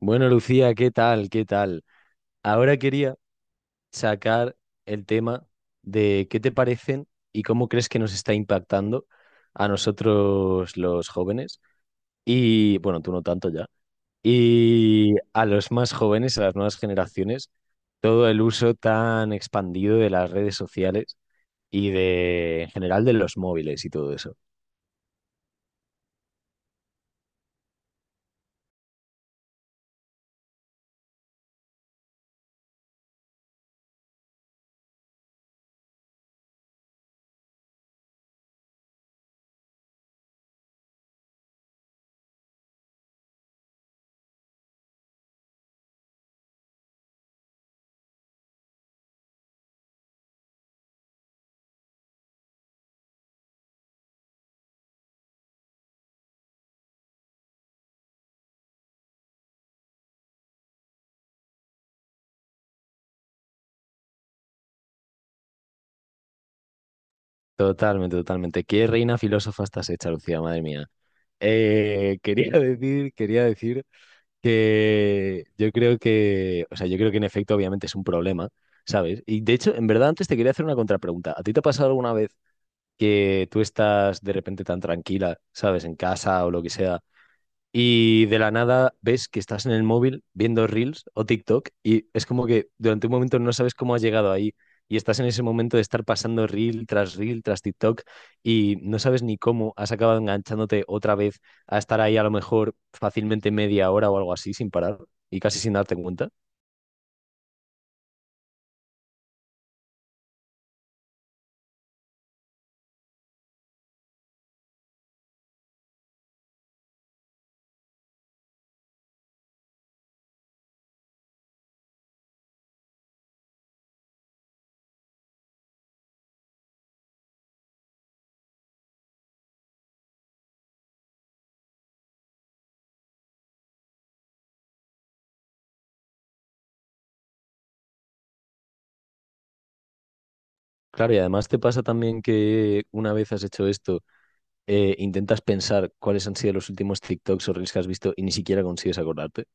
Bueno, Lucía, ¿qué tal? ¿Qué tal? Ahora quería sacar el tema de qué te parecen y cómo crees que nos está impactando a nosotros los jóvenes y, bueno, tú no tanto ya, y a los más jóvenes, a las nuevas generaciones, todo el uso tan expandido de las redes sociales y de, en general, de los móviles y todo eso. Totalmente, totalmente. Qué reina filósofa estás hecha, Lucía, madre mía. Quería decir, quería decir que yo creo que, o sea, yo creo que en efecto obviamente es un problema, ¿sabes? Y de hecho, en verdad antes te quería hacer una contrapregunta. ¿A ti te ha pasado alguna vez que tú estás de repente tan tranquila, ¿sabes? En casa o lo que sea, y de la nada ves que estás en el móvil viendo Reels o TikTok y es como que durante un momento no sabes cómo has llegado ahí y estás en ese momento de estar pasando Reel tras TikTok y no sabes ni cómo has acabado enganchándote otra vez a estar ahí a lo mejor fácilmente media hora o algo así sin parar y casi sin darte cuenta. Claro, y además te pasa también que una vez has hecho esto, intentas pensar cuáles han sido los últimos TikToks o Reels que has visto y ni siquiera consigues acordarte.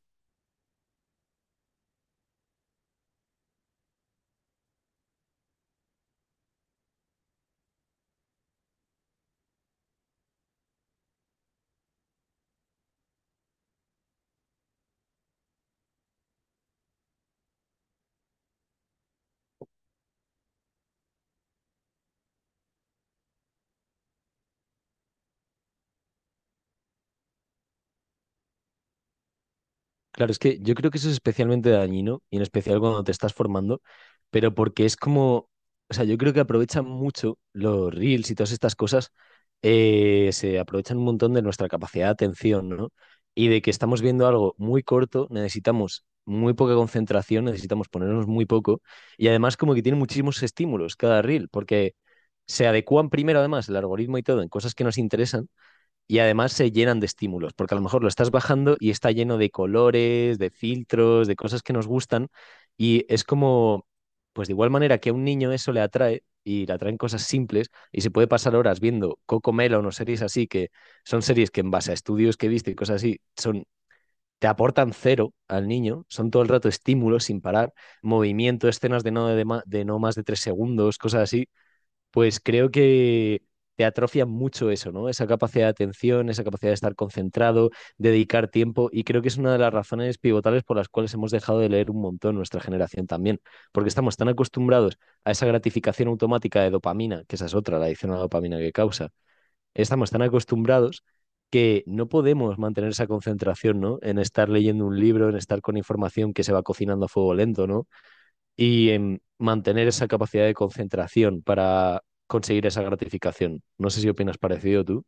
Claro, es que yo creo que eso es especialmente dañino, y en especial cuando te estás formando, pero porque es como, o sea, yo creo que aprovechan mucho los reels y todas estas cosas, se aprovechan un montón de nuestra capacidad de atención, ¿no? Y de que estamos viendo algo muy corto, necesitamos muy poca concentración, necesitamos ponernos muy poco, y además como que tiene muchísimos estímulos cada reel, porque se adecúan primero además el algoritmo y todo en cosas que nos interesan, y además se llenan de estímulos, porque a lo mejor lo estás bajando y está lleno de colores, de filtros, de cosas que nos gustan. Y es como, pues de igual manera que a un niño eso le atrae y le atraen cosas simples y se puede pasar horas viendo Coco Melon o series así, que son series que, en base a estudios que he visto y cosas así, son, te aportan cero al niño, son todo el rato estímulos sin parar, movimiento, escenas de de no más de 3 segundos, cosas así, pues creo que te atrofia mucho eso, ¿no? Esa capacidad de atención, esa capacidad de estar concentrado, dedicar tiempo, y creo que es una de las razones pivotales por las cuales hemos dejado de leer un montón nuestra generación también, porque estamos tan acostumbrados a esa gratificación automática de dopamina, que esa es otra, la adicción a la dopamina que causa, estamos tan acostumbrados que no podemos mantener esa concentración, ¿no? En estar leyendo un libro, en estar con información que se va cocinando a fuego lento, ¿no? Y mantener esa capacidad de concentración para conseguir esa gratificación. No sé si opinas parecido tú.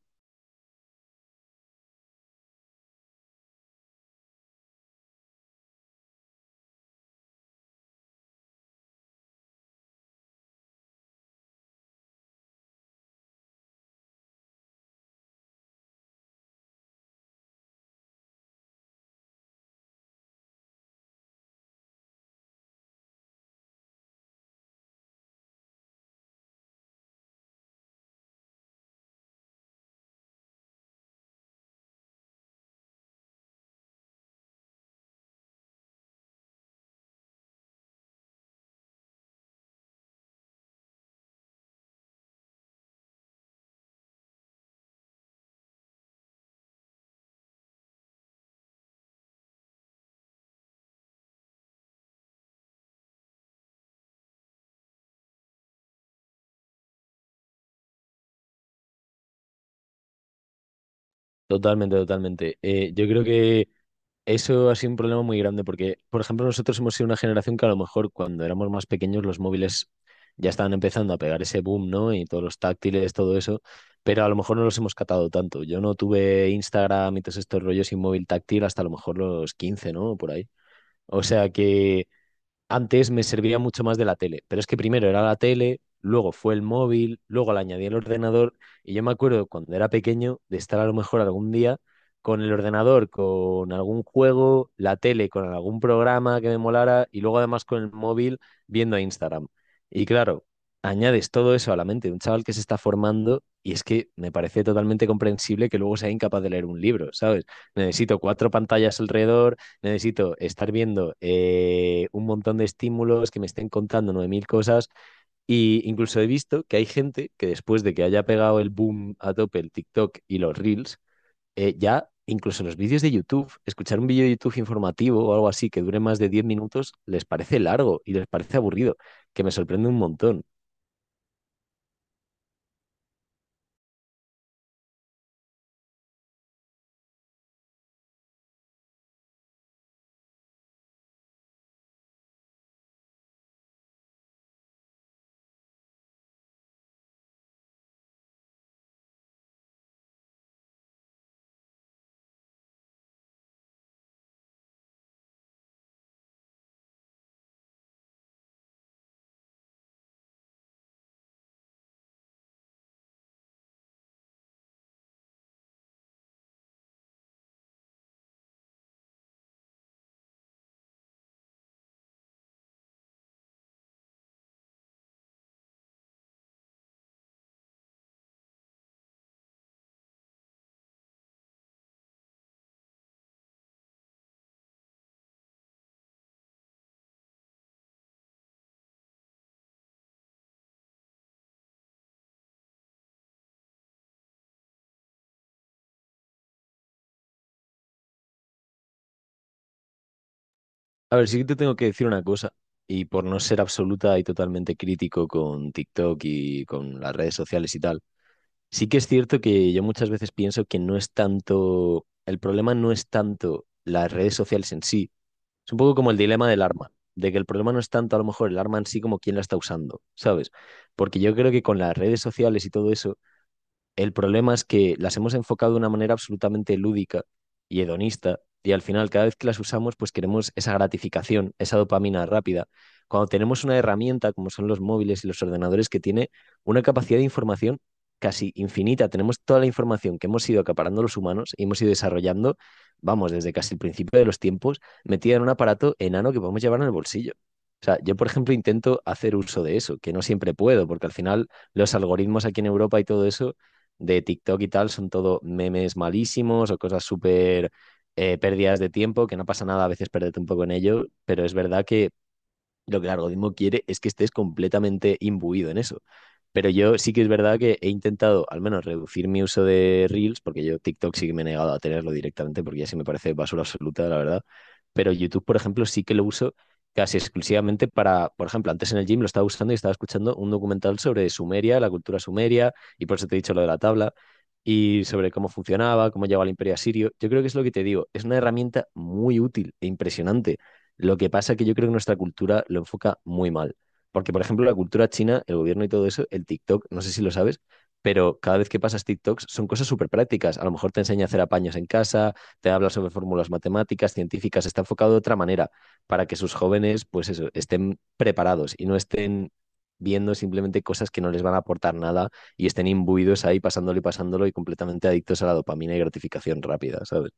Totalmente, totalmente. Yo creo que eso ha sido un problema muy grande porque, por ejemplo, nosotros hemos sido una generación que a lo mejor cuando éramos más pequeños los móviles ya estaban empezando a pegar ese boom, ¿no? Y todos los táctiles, todo eso, pero a lo mejor no los hemos catado tanto. Yo no tuve Instagram y todos estos rollos sin móvil táctil hasta a lo mejor los 15, ¿no? Por ahí. O sea que antes me servía mucho más de la tele, pero es que primero era la tele, luego fue el móvil, luego le añadí el ordenador, y yo me acuerdo cuando era pequeño de estar a lo mejor algún día con el ordenador, con algún juego, la tele, con algún programa que me molara y luego además con el móvil viendo Instagram. Y claro, añades todo eso a la mente de un chaval que se está formando y es que me parece totalmente comprensible que luego sea incapaz de leer un libro, ¿sabes? Necesito cuatro pantallas alrededor. Necesito estar viendo un montón de estímulos que me estén contando 9.000 cosas. Y incluso he visto que hay gente que después de que haya pegado el boom a tope el TikTok y los Reels, ya incluso los vídeos de YouTube, escuchar un vídeo de YouTube informativo o algo así que dure más de 10 minutos, les parece largo y les parece aburrido, que me sorprende un montón. A ver, sí que te tengo que decir una cosa, y por no ser absoluta y totalmente crítico con TikTok y con las redes sociales y tal, sí que es cierto que yo muchas veces pienso que no es tanto, el problema no es tanto las redes sociales en sí. Es un poco como el dilema del arma, de que el problema no es tanto a lo mejor el arma en sí como quién la está usando, ¿sabes? Porque yo creo que con las redes sociales y todo eso el problema es que las hemos enfocado de una manera absolutamente lúdica y hedonista, y al final cada vez que las usamos pues queremos esa gratificación, esa dopamina rápida. Cuando tenemos una herramienta como son los móviles y los ordenadores que tiene una capacidad de información casi infinita, tenemos toda la información que hemos ido acaparando los humanos y hemos ido desarrollando, vamos, desde casi el principio de los tiempos, metida en un aparato enano que podemos llevar en el bolsillo. O sea, yo, por ejemplo, intento hacer uso de eso, que no siempre puedo, porque al final los algoritmos aquí en Europa y todo eso de TikTok y tal son todo memes malísimos o cosas súper pérdidas de tiempo, que no pasa nada a veces perderte un poco en ello, pero es verdad que lo que el algoritmo quiere es que estés completamente imbuido en eso. Pero yo sí que es verdad que he intentado al menos reducir mi uso de Reels, porque yo TikTok sí que me he negado a tenerlo directamente, porque ya sí me parece basura absoluta, la verdad. Pero YouTube, por ejemplo, sí que lo uso casi exclusivamente para, por ejemplo, antes en el gym lo estaba usando y estaba escuchando un documental sobre Sumeria, la cultura sumeria, y por eso te he dicho lo de la tabla, y sobre cómo funcionaba, cómo llegó al imperio asirio. Yo creo que es lo que te digo, es una herramienta muy útil e impresionante. Lo que pasa es que yo creo que nuestra cultura lo enfoca muy mal. Porque, por ejemplo, la cultura china, el gobierno y todo eso, el TikTok, no sé si lo sabes, pero cada vez que pasas TikToks son cosas súper prácticas. A lo mejor te enseña a hacer apaños en casa, te habla sobre fórmulas matemáticas, científicas, está enfocado de otra manera para que sus jóvenes, pues eso, estén preparados y no estén viendo simplemente cosas que no les van a aportar nada y estén imbuidos ahí pasándolo y pasándolo y completamente adictos a la dopamina y gratificación rápida, ¿sabes?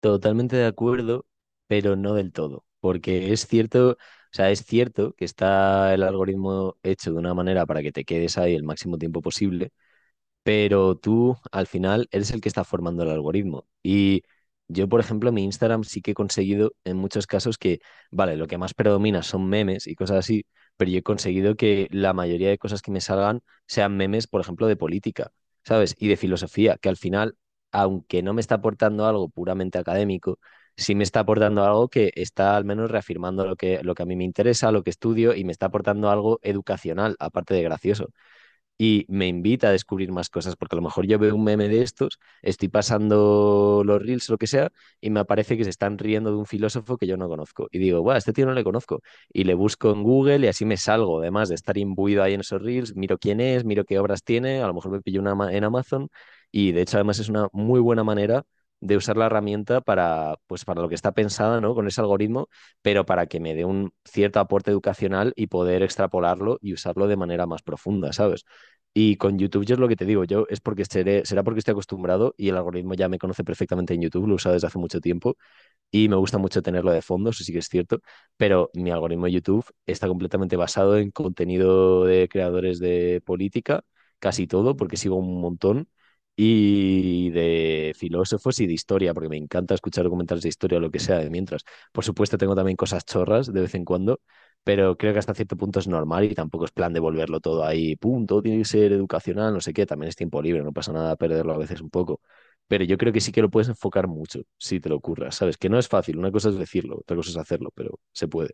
Totalmente de acuerdo, pero no del todo, porque es cierto, o sea, es cierto que está el algoritmo hecho de una manera para que te quedes ahí el máximo tiempo posible, pero tú al final eres el que está formando el algoritmo. Y yo, por ejemplo, en mi Instagram sí que he conseguido en muchos casos que, vale, lo que más predomina son memes y cosas así, pero yo he conseguido que la mayoría de cosas que me salgan sean memes, por ejemplo, de política, ¿sabes? Y de filosofía, que al final, aunque no me está aportando algo puramente académico, sí me está aportando algo que está al menos reafirmando lo que a mí me interesa, lo que estudio, y me está aportando algo educacional, aparte de gracioso, y me invita a descubrir más cosas, porque a lo mejor yo veo un meme de estos, estoy pasando los reels, o lo que sea, y me aparece que se están riendo de un filósofo que yo no conozco. Y digo, guau, este tío no le conozco. Y le busco en Google y así me salgo, además de estar imbuido ahí en esos reels, miro quién es, miro qué obras tiene, a lo mejor me pillo una en Amazon. Y de hecho, además es una muy buena manera de usar la herramienta para, pues, para lo que está pensada, ¿no? Con ese algoritmo, pero para que me dé un cierto aporte educacional y poder extrapolarlo y usarlo de manera más profunda, ¿sabes? Y con YouTube yo es lo que te digo, yo es porque seré, será porque estoy acostumbrado y el algoritmo ya me conoce perfectamente en YouTube, lo he usado desde hace mucho tiempo y me gusta mucho tenerlo de fondo, eso sí que es cierto, pero mi algoritmo de YouTube está completamente basado en contenido de creadores de política, casi todo, porque sigo un montón, y de filósofos y de historia, porque me encanta escuchar documentales de historia o lo que sea de mientras. Por supuesto, tengo también cosas chorras de vez en cuando, pero creo que hasta cierto punto es normal y tampoco es plan de volverlo todo ahí, punto, tiene que ser educacional, no sé qué, también es tiempo libre, no pasa nada perderlo a veces un poco, pero yo creo que sí que lo puedes enfocar mucho si te lo ocurras, ¿sabes? Que no es fácil, una cosa es decirlo, otra cosa es hacerlo, pero se puede.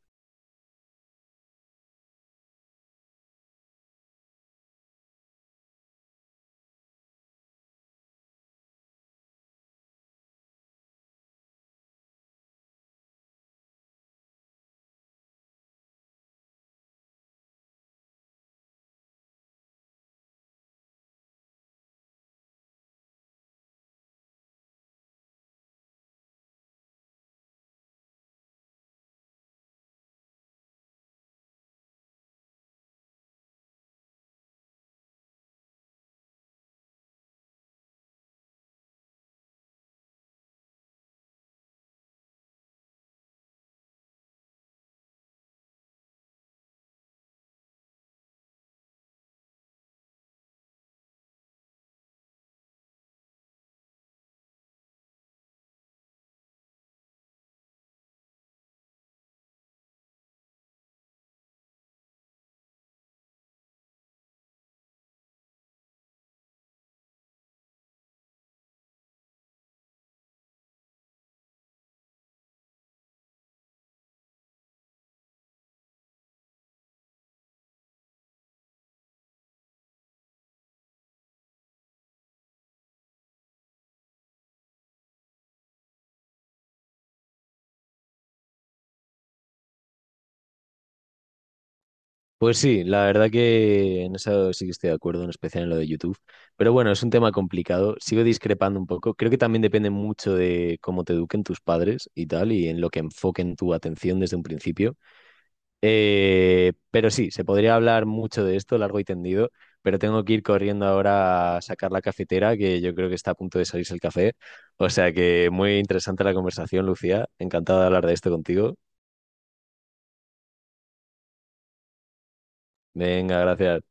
Pues sí, la verdad que en eso sí que estoy de acuerdo, en especial en lo de YouTube. Pero bueno, es un tema complicado, sigo discrepando un poco. Creo que también depende mucho de cómo te eduquen tus padres y tal, y en lo que enfoquen tu atención desde un principio. Pero sí, se podría hablar mucho de esto, largo y tendido, pero tengo que ir corriendo ahora a sacar la cafetera, que yo creo que está a punto de salirse el café. O sea que muy interesante la conversación, Lucía. Encantado de hablar de esto contigo. Venga, gracias.